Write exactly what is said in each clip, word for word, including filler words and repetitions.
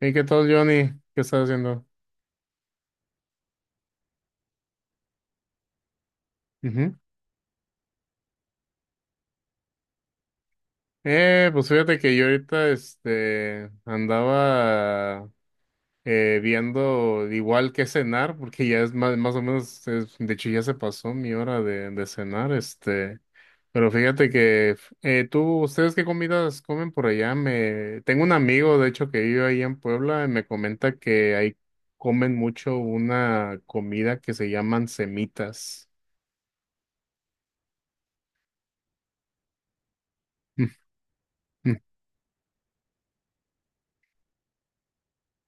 ¿Y qué tal, Johnny? ¿Qué estás haciendo? Ujú. Eh, pues fíjate que yo ahorita este andaba eh, viendo igual que cenar, porque ya es más, más o menos, es- de hecho ya se pasó mi hora de, de cenar, este, pero fíjate que f- eh, tú, ¿ustedes qué comidas comen por allá? Me, tengo un amigo, de hecho, que vive ahí en Puebla y me comenta que ahí comen mucho una comida que se llaman semitas. Ujú,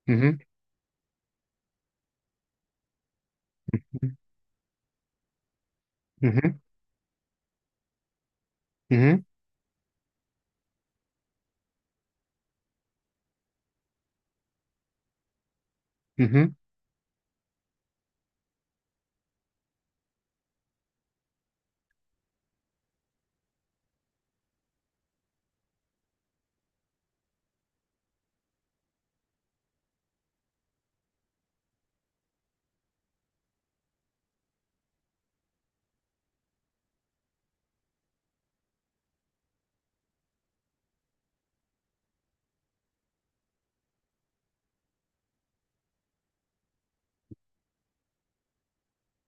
ujú, ujú, ujú, ujú. Ujú.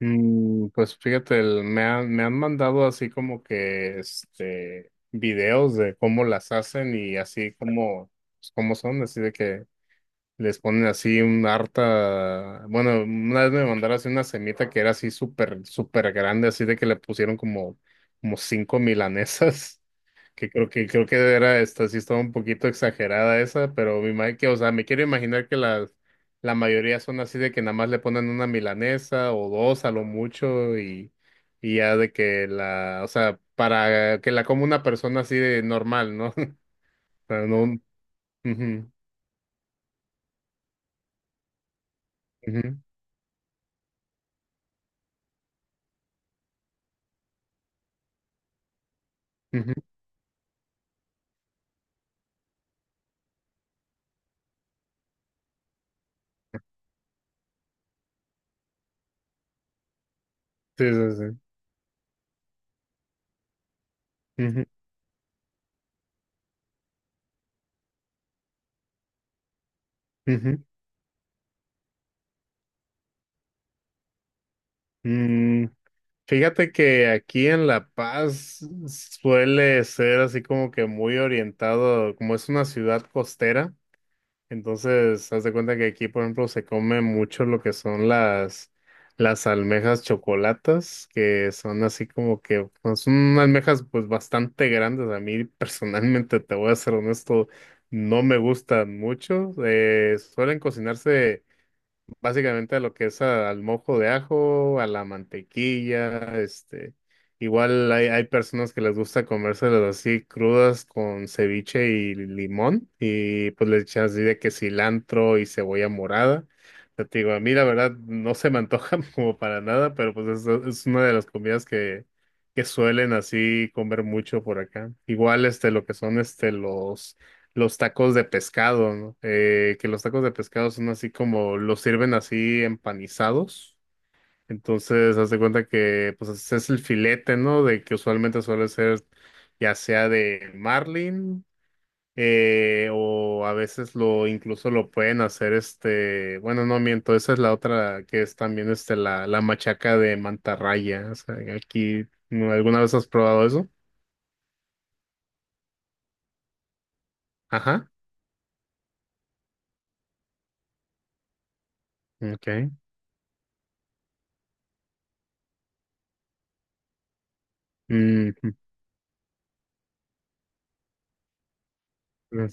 Mm, pues fíjate, el- me han, me han mandado así como que este videos de cómo las hacen y así como, pues, cómo son, así de que les ponen así un harta, bueno, una vez me mandaron así una semita que era así súper, súper grande, así de que le pusieron como, como cinco milanesas. Que creo que creo que era esta, sí estaba un poquito exagerada esa, pero me imagino que, o sea, me quiero imaginar que las la mayoría son así de que nada más le ponen una milanesa o dos a lo mucho, y y ya de que la, o sea, para que la coma una persona así de normal, ¿no? Pero no, ujú, ujú, ujú, sí, sí, sí, ujú, ujú. Mm, fíjate que aquí en La Paz suele ser así como que muy orientado, como es una ciudad costera. Entonces, haz de cuenta que aquí, por ejemplo, se come mucho lo que son las, las almejas chocolatas, que son así como que, pues, son almejas pues bastante grandes. A mí personalmente, te voy a ser honesto, no me gustan mucho. Eh, suelen cocinarse. Básicamente a lo que es a- al mojo de ajo, a la mantequilla, este, igual hay, hay personas que les gusta comérselas así crudas con ceviche y limón y pues le echan así de que cilantro y cebolla morada. Pero te digo, a mí la verdad no se me antoja como para nada, pero pues es, es una de las comidas que, que suelen así comer mucho por acá. Igual este, lo que son este, los los tacos de pescado, ¿no? Eh, que los tacos de pescado son así como, los sirven así empanizados. Entonces, haz de cuenta que, pues, es es el filete, ¿no? De que usualmente suele ser ya sea de marlin, eh, o a veces lo, incluso lo pueden hacer este, bueno, no miento, esa es la otra que es también este, la, la machaca de mantarraya. O sea, aquí, ¿no? ¿Alguna vez has probado eso? Ajá. Okay. Mm, mm.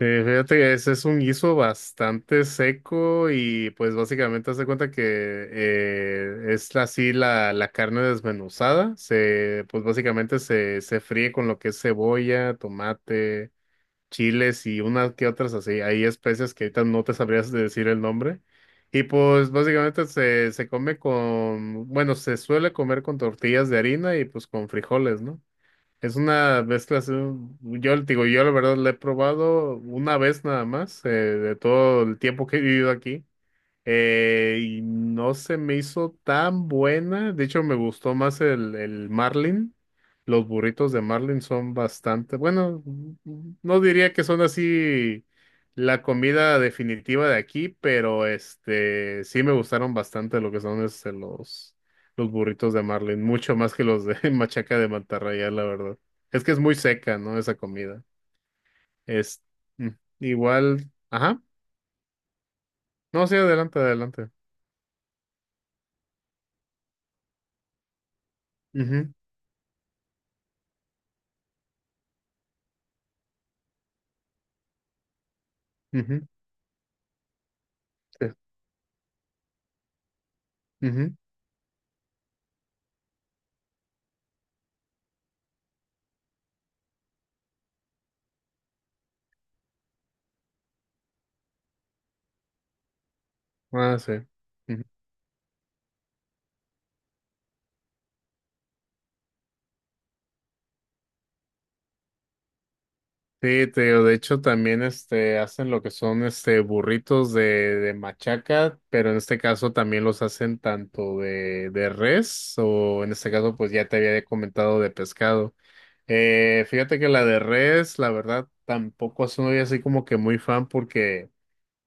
Sí, fíjate que ese es un guiso bastante seco y pues básicamente hace cuenta que eh, es así la, la carne desmenuzada, se, pues básicamente se, se fríe con lo que es cebolla, tomate, chiles y unas que otras así, hay especias que ahorita no te sabrías de decir el nombre, y pues básicamente se, se come con, bueno, se suele comer con tortillas de harina y pues con frijoles, ¿no? Es una mezcla así, yo le digo, yo la verdad la he probado una vez nada más, eh, de todo el tiempo que he vivido aquí. Eh, y no se me hizo tan buena. De hecho, me gustó más el, el Marlin. Los burritos de Marlin son bastante, bueno, no diría que son así la comida definitiva de aquí, pero este sí me gustaron bastante lo que son este, los, los burritos de Marlin, mucho más que los de Machaca de Mantarraya, la verdad. Es que es muy seca, ¿no? Esa comida. Es mm, igual, ajá. No, sí, adelante, adelante. Ujú, ujú. Ujú. Ah, sí. Ujú. Sí, te digo, de hecho también este hacen lo que son este burritos de, de machaca, pero en este caso también los hacen tanto de, de res o en este caso pues ya te había comentado de pescado. Eh, fíjate que la de res, la verdad, tampoco soy así como que muy fan porque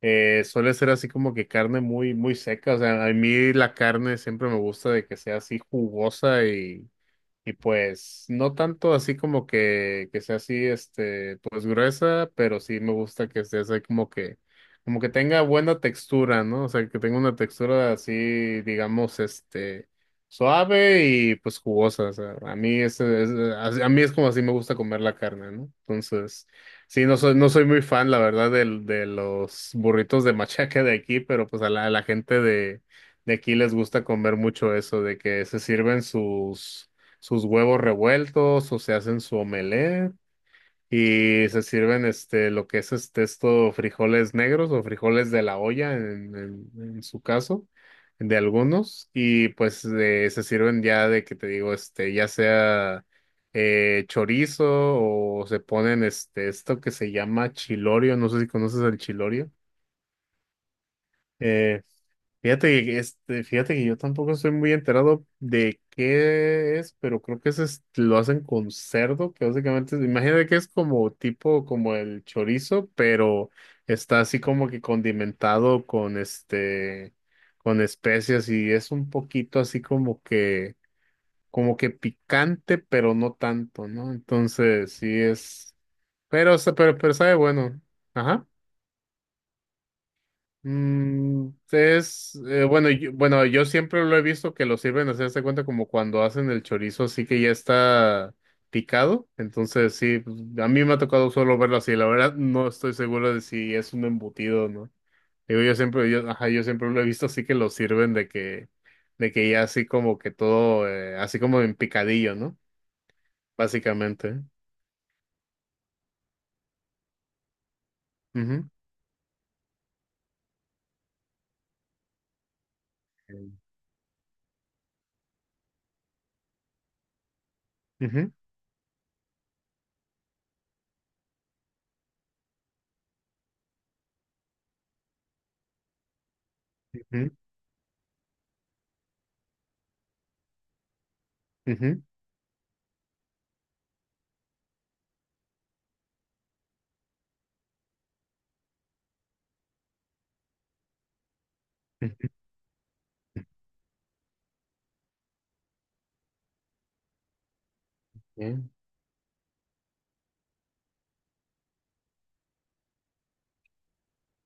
eh, suele ser así como que carne muy, muy seca. O sea, a mí la carne siempre me gusta de que sea así jugosa, y Y pues no tanto así como que, que sea así, este, pues gruesa, pero sí me gusta que esté así como que, como que tenga buena textura, ¿no? O sea, que tenga una textura así, digamos, este, suave y pues jugosa. O sea, a mí es, es- a a mí es como así me gusta comer la carne, ¿no? Entonces, sí, no soy, no soy muy fan, la verdad, del, de los burritos de machaca de aquí, pero pues a la, a la gente de, de aquí les gusta comer mucho eso, de que se sirven sus sus huevos revueltos o se hacen su omelette, y se sirven este lo que es este esto frijoles negros o frijoles de la olla en, en- en su caso de algunos, y pues eh, se sirven ya de que te digo este ya sea eh, chorizo o se ponen este esto que se llama chilorio. No sé si conoces el chilorio. Eh, fíjate que este, fíjate que yo tampoco estoy muy enterado de qué es, pero creo que ese es- lo hacen con cerdo, que básicamente, es- imagínate que es como tipo como el chorizo, pero está así como que condimentado con este, con especias, y es un poquito así como que, como que picante, pero no tanto, ¿no? Entonces, sí es, pero, sa- pero, pero sabe bueno. Ajá. Mm, es eh, bueno, yo, bueno, yo siempre lo he visto que lo sirven, así hazte cuenta como cuando hacen el chorizo, así que ya está picado. Entonces, sí, pues, a mí me ha tocado solo verlo así. La verdad, no estoy seguro de si es un embutido o no. Digo, yo siempre, yo, ajá, yo siempre lo he visto así que lo sirven de que, de que ya así como que todo, eh, así como en picadillo, ¿no? Básicamente. Ujú. Ujú, ujú, ujú, ujú, ok.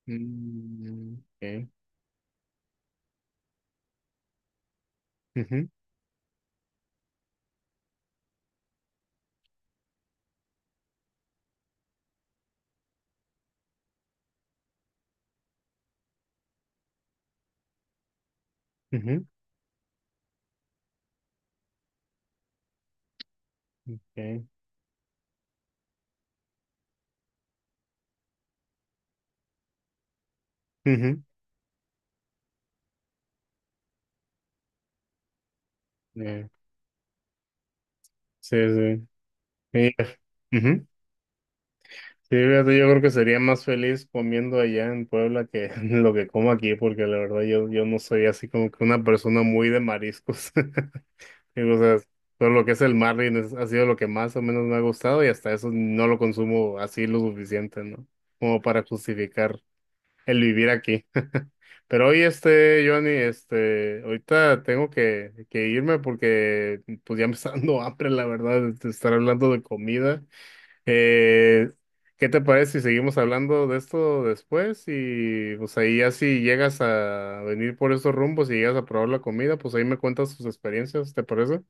Mm, ok. Ujú, ujú, ok. Ujú, eh, sí, sí. Y, ujú. Sí, fíjate, yo creo que sería más feliz comiendo allá en Puebla que lo que como aquí, porque la verdad yo, yo no soy así como que una persona muy de mariscos. Digo, o sea, todo lo que es el mar y es- ha sido lo que más o menos me ha gustado, y hasta eso no lo consumo así lo suficiente, ¿no? Como para justificar el vivir aquí. Pero hoy, este, Johnny, este, ahorita tengo que, que irme porque pues ya me está dando hambre, la verdad, de estar hablando de comida. Eh, ¿Qué te parece si seguimos hablando de esto después? Y pues ahí ya si llegas a venir por estos rumbos y llegas a probar la comida, pues ahí me cuentas tus experiencias, ¿te parece?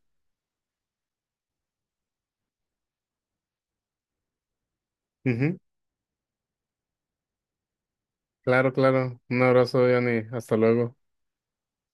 Ujú. Claro, claro. Un abrazo, Johnny. Hasta luego.